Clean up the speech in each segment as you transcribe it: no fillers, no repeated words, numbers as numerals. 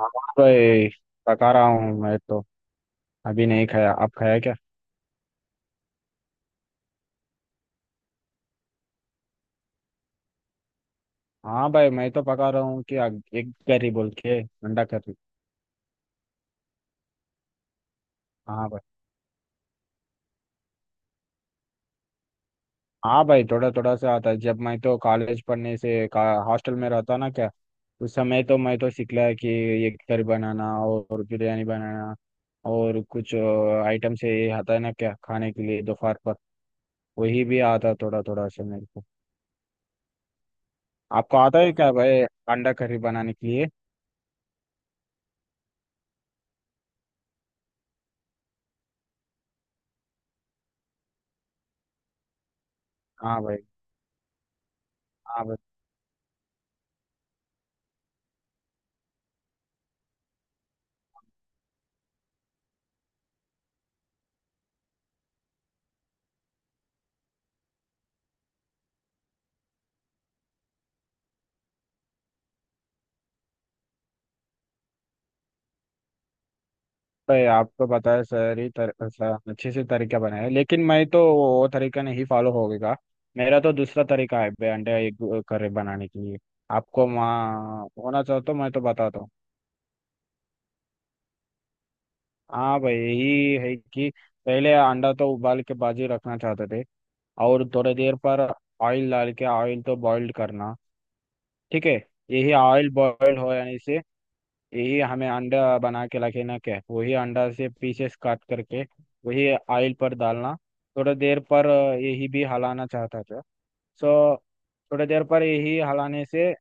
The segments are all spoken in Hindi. हाँ भाई, पका रहा हूँ मैं तो। अभी नहीं खाया, आप खाया क्या? हाँ भाई, मैं तो पका रहा हूँ कि एक करी बोल के, अंडा करी। हाँ भाई। हाँ भाई, थोड़ा थोड़ा सा आता है। जब मैं तो कॉलेज पढ़ने से का हॉस्टल में रहता ना क्या, उस समय तो मैं तो सीख लिया कि ये करी बनाना और बिरयानी बनाना और कुछ आइटम से ये आता है ना क्या, खाने के लिए दोपहर पर। वही भी आता थोड़ा थोड़ा सा मेरे को। आपको आता है क्या भाई, अंडा करी बनाने के लिए? हाँ भाई। हाँ भाई। भाई, आपको बताया सर ही अच्छे से तरीका बनाया है, लेकिन मैं तो वो तरीका नहीं फॉलो होगा। मेरा तो दूसरा तरीका है बे, अंडे एग करी बनाने के लिए। आपको वहाँ होना चाहो तो मैं तो बताता हूँ। हाँ भाई, यही है कि पहले अंडा तो उबाल के बाजी रखना चाहते थे। और थोड़ी देर पर ऑयल डाल के ऑयल तो बॉइल्ड करना। ठीक है। यही ऑयल बॉइल्ड हो जाने से यही हमें अंडा बना के रखना क्या है? वही अंडा से पीसेस काट करके वही ऑयल पर डालना। थोड़ा देर पर यही भी हलाना चाहता था। सो थोड़ा देर पर यही हलाने से,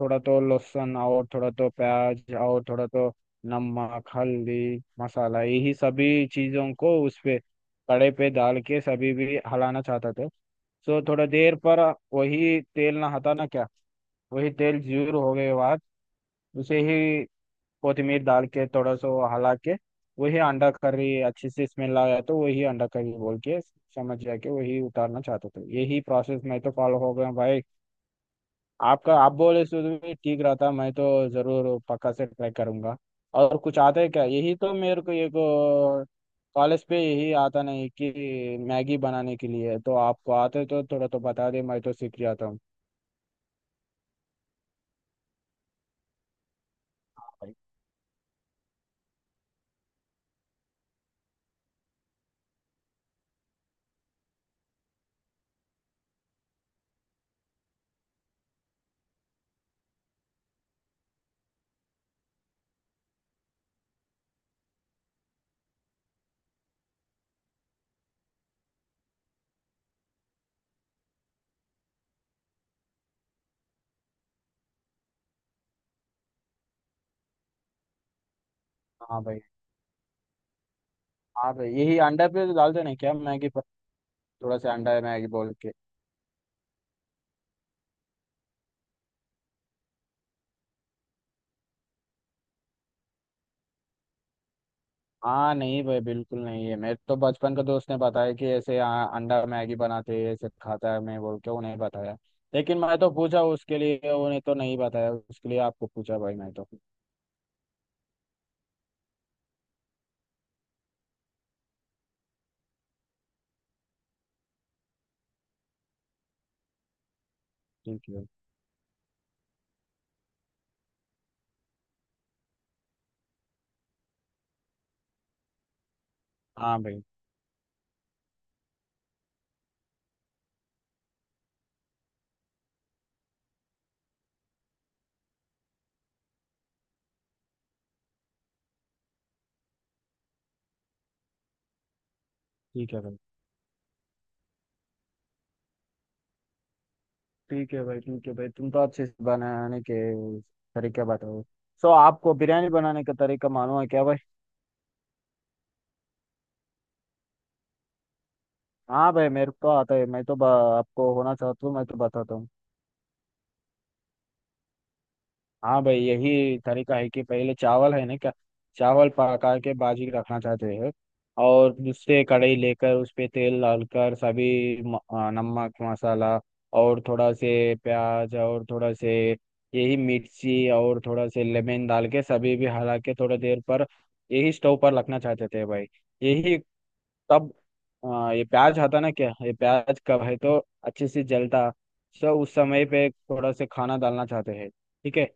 थोड़ा तो लहसुन और थोड़ा तो प्याज और थोड़ा तो नमक, हल्दी, मसाला, यही सभी चीज़ों को उस पे कड़े पे डाल के सभी भी हलाना चाहता था। सो थोड़ा देर पर वही तेल ना हटाना क्या। वही तेल ज्यूर हो गए बाद उसे ही कोथिमीर डाल के थोड़ा सा हला के, वही अंडा करी अच्छी सी स्मेल आया तो वही अंडा करी बोल के समझ जाके वही उतारना चाहता था। यही प्रोसेस मैं तो फॉलो हो गया भाई। आपका आप बोले सो भी ठीक रहा था, मैं तो जरूर पक्का से ट्राई करूंगा। और कुछ आता है क्या? यही तो मेरे को एक, कॉलेज पे यही आता नहीं कि मैगी बनाने के लिए तो आपको आते तो थोड़ा तो बता दे, मैं तो सीख जाता हूँ। हाँ भाई। हाँ भाई। हाँ भाई, यही अंडा पे तो डालते नहीं क्या मैगी पर? थोड़ा सा अंडा है मैगी बोल के। हाँ नहीं भाई, बिल्कुल नहीं है। मेरे तो बचपन का दोस्त ने बताया कि ऐसे अंडा मैगी बनाते हैं, ऐसे खाता है मैं बोल के उन्हें बताया। लेकिन मैं तो पूछा उसके लिए, उन्हें तो नहीं बताया उसके लिए, आपको पूछा भाई मैं तो। ठीक है। हाँ भाई। ठीक है भाई। ठीक है भाई। ठीक है भाई, तुम तो अच्छे से बनाने के तरीके बताओ। सो आपको बिरयानी बनाने का तरीका मालूम है क्या भाई? हाँ भाई, मेरे को आता है। आपको होना चाहता हूँ, मैं तो बताता हूँ। हाँ भाई, यही तरीका है कि पहले चावल है ना क्या, चावल पका के बाजी रखना चाहते हैं। और उससे कढ़ाई लेकर उस पे तेल डालकर सभी नमक, मसाला और थोड़ा से प्याज और थोड़ा से यही मिर्ची और थोड़ा से लेमन डाल के सभी भी हला के थोड़ा देर पर यही स्टोव पर रखना चाहते थे भाई। यही तब ये प्याज आता ना क्या, ये प्याज कब है तो अच्छे से जलता। सो उस समय पे थोड़ा से खाना डालना चाहते हैं। ठीक है।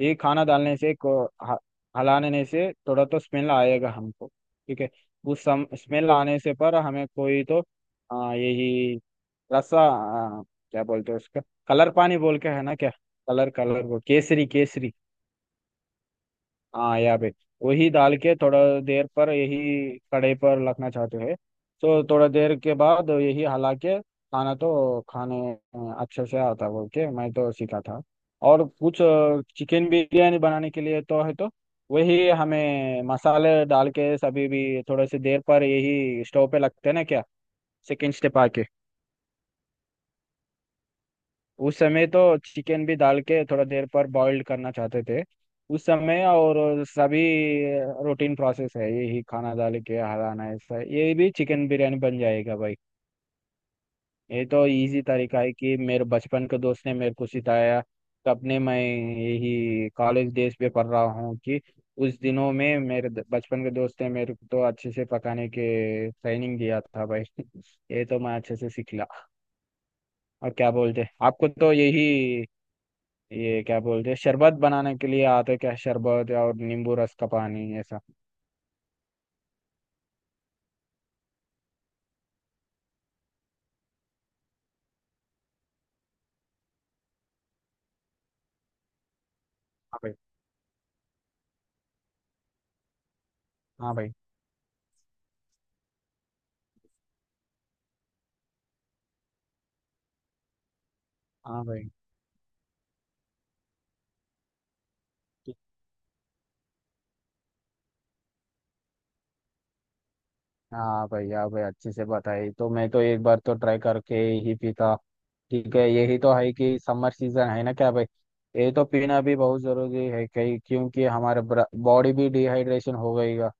ये खाना डालने से को ह- हलाने से थोड़ा तो स्मेल आएगा हमको। ठीक है। उस सम स्मेल आने से पर हमें कोई तो यही रसा, क्या बोलते हैं उसका? कलर पानी बोल के है ना क्या, कलर, कलर वो, केसरी केसरी। हाँ, यहाँ पे वही डाल के थोड़ा देर पर यही कढ़ाई पर रखना चाहते हैं। तो थोड़ा देर के बाद यही हला के खाना तो खाने अच्छे से आता बोल के मैं तो सीखा था। और कुछ चिकन बिरयानी बनाने के लिए तो है तो वही हमें मसाले डाल के सभी भी थोड़े से देर पर यही स्टोव पे लगते हैं ना क्या, सेकंड स्टेप आके। उस समय तो चिकन भी डाल के थोड़ा देर पर बॉइल्ड करना चाहते थे। उस समय और सभी रूटीन प्रोसेस है, यही खाना डाल के हराना, ऐसा ये भी चिकन बिरयानी बन जाएगा भाई। ये तो इजी तरीका है कि मेरे बचपन के दोस्त ने मेरे को सिखाया। तो अपने मैं यही कॉलेज डेज पे पढ़ रहा हूँ कि उस दिनों में मेरे बचपन के दोस्त ने मेरे को तो अच्छे से पकाने के ट्रेनिंग दिया था भाई। ये तो मैं अच्छे से सीख लिया। और क्या बोलते आपको तो यही, ये क्या बोलते हैं शरबत बनाने के लिए आते क्या, शरबत और नींबू रस का पानी ऐसा? हाँ भाई। हाँ भाई। हाँ भाई। ठीक। हाँ भाई। हाँ भाई, अच्छे से बताई तो मैं तो एक बार तो ट्राई करके ही पीता। ठीक है। यही तो है कि समर सीजन है ना क्या भाई, ये तो पीना भी बहुत जरूरी है कहीं, क्योंकि हमारे बॉडी भी डिहाइड्रेशन हो गईगा।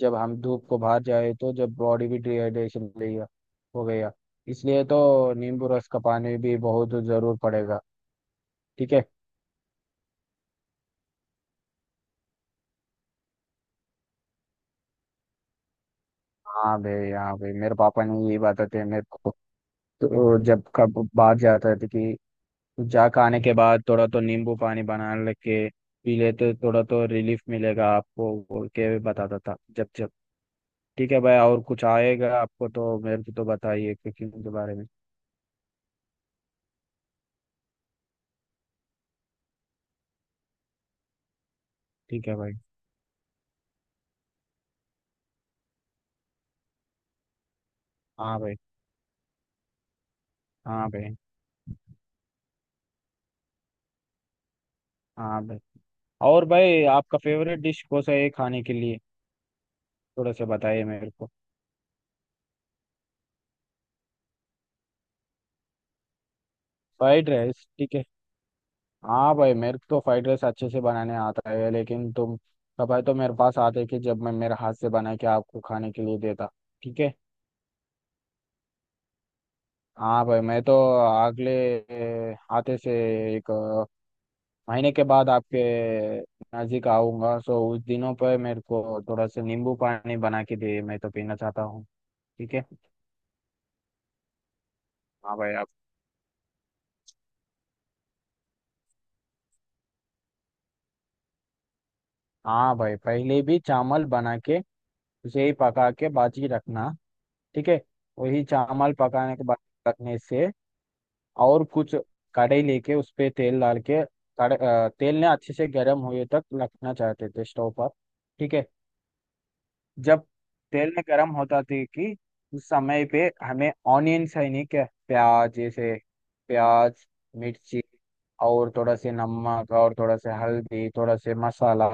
जब हम धूप को बाहर जाए तो जब बॉडी भी डिहाइड्रेशन हो गई, हो गया। इसलिए तो नींबू रस का पानी भी बहुत जरूर पड़ेगा। ठीक है। हाँ भाई। हाँ भाई, मेरे पापा ने यही बताते हैं मेरे को। तो जब कब बाहर जाता था कि जा के आने के बाद थोड़ा तो नींबू पानी बना लेके पी लेते, थोड़ा तो रिलीफ मिलेगा आपको बोल के बताता था जब जब। ठीक है भाई। और कुछ आएगा आपको तो मेरे को तो बताइए कुकिंग के बारे में। ठीक है भाई। हाँ भाई। हाँ भाई। हाँ भाई। और भाई, आपका फेवरेट डिश कौन सा है खाने के लिए? थोड़ा सा बताइए मेरे को। फ्राइड राइस, ठीक है। हाँ भाई, मेरे को तो फ्राइड राइस अच्छे से बनाने आता है। लेकिन तुम कभी तो मेरे पास आते कि जब मैं मेरे हाथ से बना के आपको खाने के लिए देता। ठीक है। हाँ भाई, मैं तो अगले, आते से एक महीने के बाद आपके नज़दीक आऊंगा। सो उस दिनों पर मेरे को थोड़ा सा नींबू पानी बना के दे, मैं तो पीना चाहता हूँ। ठीक है। हाँ भाई। आप, हाँ भाई, पहले भी चावल बना के उसे ही पका के बाजी रखना। ठीक है। वही चावल पकाने के बाद रखने से, और कुछ कढ़ाई लेके उस पे तेल डाल के तेल ने अच्छे से गर्म हुए तक रखना चाहते थे स्टोव पर। ठीक है। जब तेल ने गर्म होता थे कि उस समय पे हमें ऑनियंस है नहीं क्या, प्याज जैसे, प्याज, मिर्ची और थोड़ा से नमक और थोड़ा से हल्दी, थोड़ा से मसाला,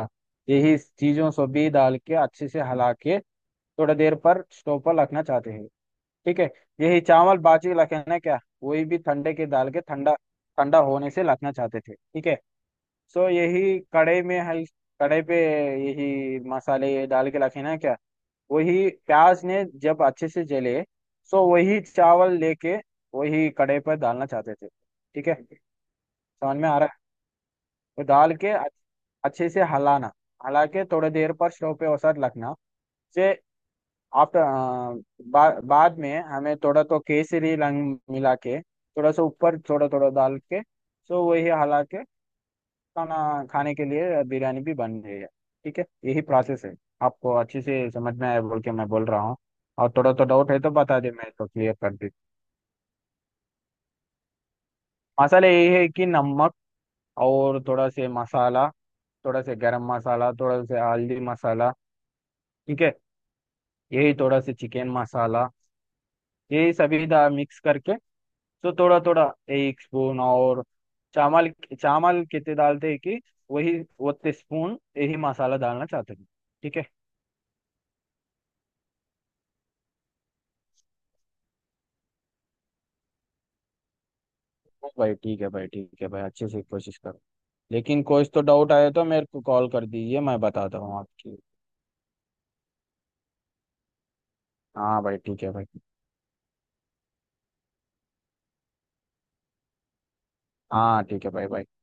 यही चीजों से भी डाल के अच्छे से हला के थोड़ा देर पर स्टोव पर रखना चाहते हैं। ठीक है। यही चावल बाजी लखना क्या, वही भी ठंडे के दाल के ठंडा, ठंडा होने से लखना चाहते थे। ठीक है। सो यही कड़े में है, कड़े पे यही मसाले डाल के लखना क्या, वही प्याज ने जब अच्छे से जले, सो वही चावल लेके वही कड़े पर डालना चाहते थे। ठीक है। समझ में आ रहा है? तो डाल के अच्छे से हलाना, हला के थोड़ी देर पर स्टोव पे वसात रखना से आफ्टर, बाद में हमें थोड़ा तो केसरी रंग मिला के थोड़ा सा ऊपर थोड़ा थोड़ा डाल के सो वही हला के खाना, खाने के लिए बिरयानी भी बन गई है। ठीक है, यही प्रोसेस है। आपको अच्छे से समझ में आया बोल के मैं बोल रहा हूँ। और थोड़ा तो डाउट है तो बता दे, मैं तो क्लियर कर दी। मसाले यही है कि नमक और थोड़ा से मसाला, थोड़ा से गरम मसाला, थोड़ा से हल्दी मसाला। ठीक है। यही थोड़ा से चिकन मसाला, यही सभी दा मिक्स करके तो थोड़ा थोड़ा एक स्पून, और चावल, चावल कितने डालते हैं कि वही उतने स्पून यही मसाला डालना चाहते हैं। ठीक है। हाँ भाई। ठीक है भाई। ठीक है भाई, अच्छे से कोशिश करो। लेकिन कुछ तो डाउट आया तो मेरे को कॉल कर दीजिए, मैं बताता हूँ आपकी। हाँ भाई, ठीक है भाई। हाँ ठीक है भाई, भाई।